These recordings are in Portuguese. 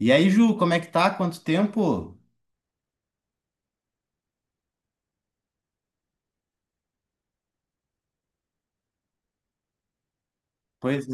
E aí, Ju, como é que tá? Quanto tempo? Pois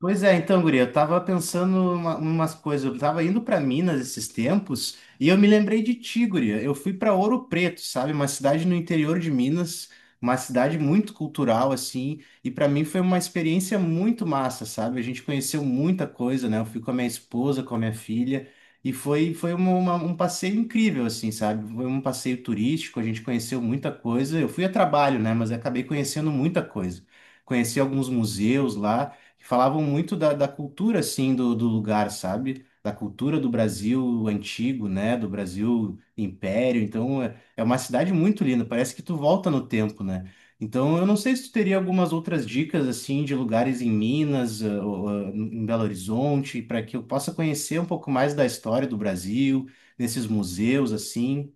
Pois é, então, guria, eu tava pensando umas coisas, eu tava indo para Minas esses tempos e eu me lembrei de ti, guria. Eu fui para Ouro Preto, sabe? Uma cidade no interior de Minas, uma cidade muito cultural assim, e para mim foi uma experiência muito massa, sabe? A gente conheceu muita coisa, né? Eu fui com a minha esposa, com a minha filha, e foi um passeio incrível assim, sabe? Foi um passeio turístico, a gente conheceu muita coisa. Eu fui a trabalho, né, mas acabei conhecendo muita coisa. Conheci alguns museus lá que falavam muito da cultura, assim, do lugar, sabe? Da cultura do Brasil antigo, né? Do Brasil Império. Então, é uma cidade muito linda, parece que tu volta no tempo, né? Então, eu não sei se tu teria algumas outras dicas, assim, de lugares em Minas, ou em Belo Horizonte, para que eu possa conhecer um pouco mais da história do Brasil, nesses museus, assim.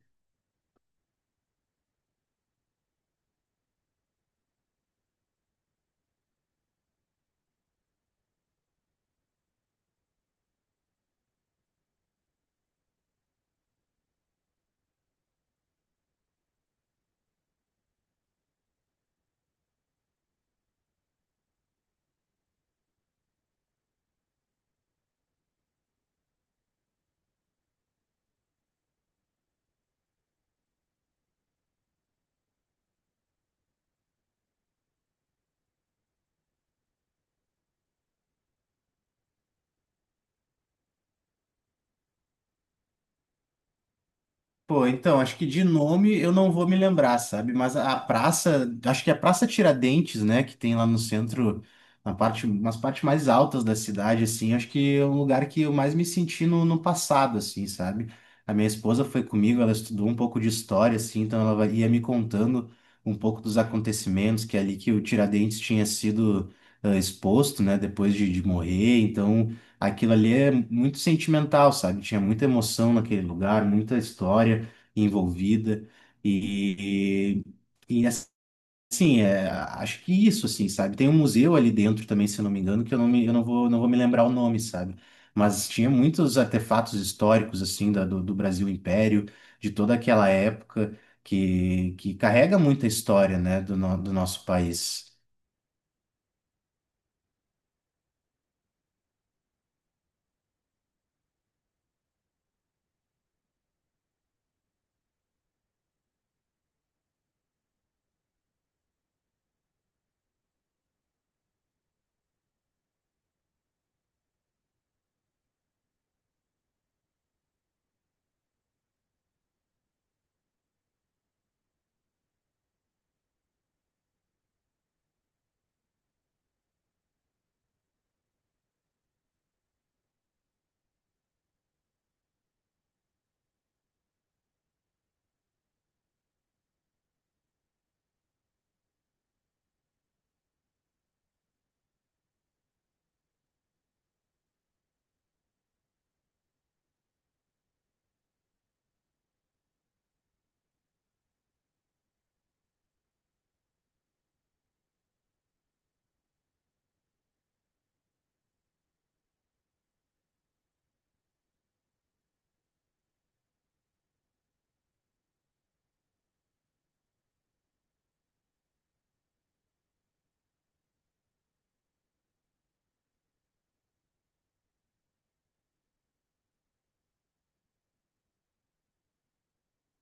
Pô, então, acho que de nome eu não vou me lembrar, sabe? Mas a praça, acho que é a Praça Tiradentes, né? Que tem lá no centro, nas partes mais altas da cidade, assim, acho que é um lugar que eu mais me senti no passado, assim, sabe? A minha esposa foi comigo, ela estudou um pouco de história, assim, então ia me contando um pouco dos acontecimentos que ali que o Tiradentes tinha sido exposto, né? Depois de morrer, então aquilo ali é muito sentimental, sabe? Tinha muita emoção naquele lugar, muita história envolvida e, e assim, acho que isso, assim, sabe? Tem um museu ali dentro também, se eu não me engano, que eu não me, eu não vou, não vou me lembrar o nome, sabe? Mas tinha muitos artefatos históricos, assim, do Brasil Império, de toda aquela época, que carrega muita história, né, do nosso país.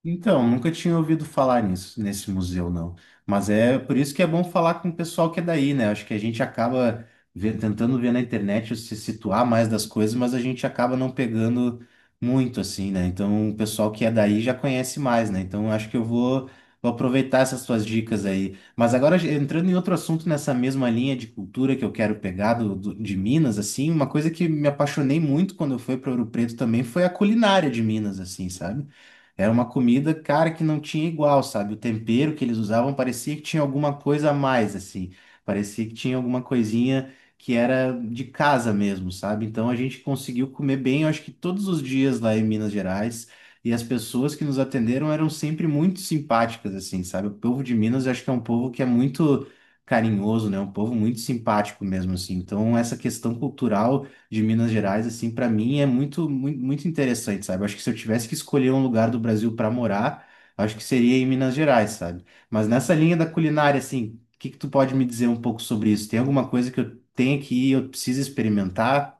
Então, nunca tinha ouvido falar nisso, nesse museu, não. Mas é por isso que é bom falar com o pessoal que é daí, né? Acho que a gente acaba tentando ver na internet se situar mais das coisas, mas a gente acaba não pegando muito, assim, né? Então, o pessoal que é daí já conhece mais, né? Então, acho que vou aproveitar essas suas dicas aí. Mas agora, entrando em outro assunto nessa mesma linha de cultura que eu quero pegar de Minas, assim, uma coisa que me apaixonei muito quando eu fui para Ouro Preto também foi a culinária de Minas, assim, sabe? Era uma comida, cara, que não tinha igual, sabe? O tempero que eles usavam parecia que tinha alguma coisa a mais, assim. Parecia que tinha alguma coisinha que era de casa mesmo, sabe? Então a gente conseguiu comer bem, eu acho que todos os dias lá em Minas Gerais. E as pessoas que nos atenderam eram sempre muito simpáticas, assim, sabe? O povo de Minas, eu acho que é um povo que é muito carinhoso, né? Um povo muito simpático mesmo, assim. Então, essa questão cultural de Minas Gerais, assim, para mim é muito, muito, muito interessante, sabe? Acho que se eu tivesse que escolher um lugar do Brasil para morar, acho que seria em Minas Gerais, sabe? Mas nessa linha da culinária, assim, o que que tu pode me dizer um pouco sobre isso? Tem alguma coisa que eu tenho que ir, eu preciso experimentar?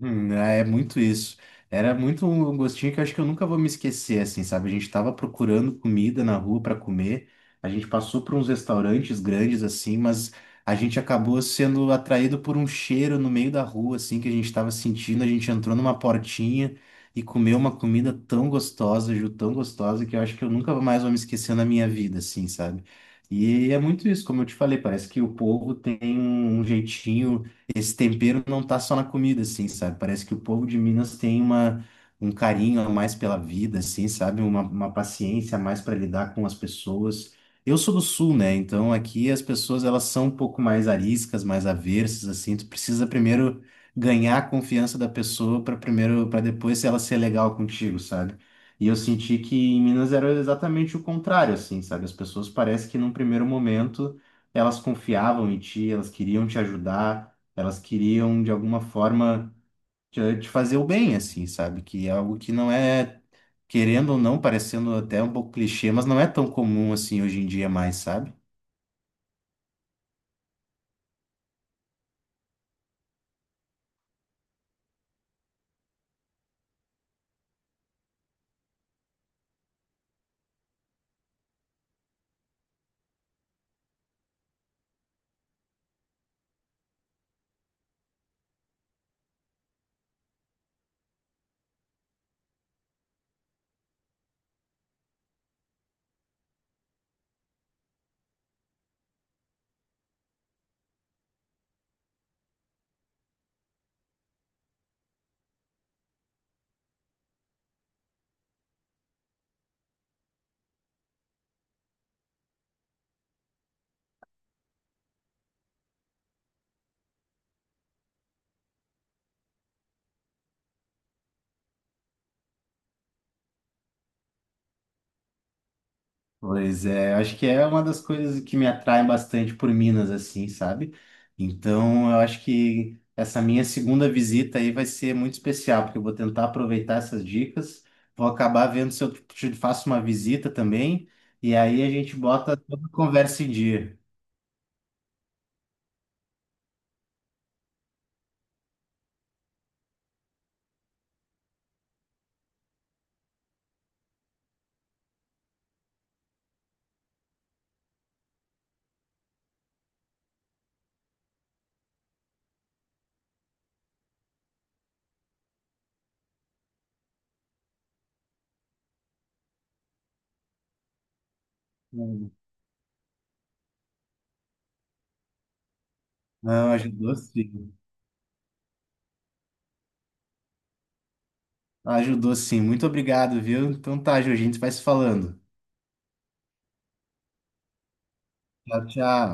É muito isso. Era muito um gostinho que eu acho que eu nunca vou me esquecer, assim, sabe? A gente tava procurando comida na rua para comer, a gente passou por uns restaurantes grandes, assim, mas a gente acabou sendo atraído por um cheiro no meio da rua, assim, que a gente tava sentindo. A gente entrou numa portinha e comeu uma comida tão gostosa, Ju, tão gostosa, que eu acho que eu nunca mais vou me esquecer na minha vida, assim, sabe? E é muito isso, como eu te falei, parece que o povo tem um jeitinho, esse tempero não tá só na comida, assim, sabe? Parece que o povo de Minas tem um carinho a mais pela vida, assim, sabe? Uma paciência a mais para lidar com as pessoas. Eu sou do Sul, né? Então aqui as pessoas elas são um pouco mais ariscas, mais aversas, assim. Tu precisa primeiro ganhar a confiança da pessoa para depois ela ser legal contigo, sabe? E eu senti que em Minas era exatamente o contrário, assim, sabe? As pessoas parece que num primeiro momento elas confiavam em ti, elas queriam te ajudar. Elas queriam, de alguma forma, te fazer o bem, assim, sabe? Que é algo que não é, querendo ou não, parecendo até um pouco clichê, mas não é tão comum assim hoje em dia mais, sabe? Pois é, acho que é uma das coisas que me atrai bastante por Minas, assim, sabe? Então, eu acho que essa minha segunda visita aí vai ser muito especial, porque eu vou tentar aproveitar essas dicas, vou acabar vendo se eu te faço uma visita também, e aí a gente bota toda a conversa em dia. Não, ajudou sim. Ajudou sim. Muito obrigado, viu? Então tá, Jorginho, a gente vai se falando. Tchau, tchau.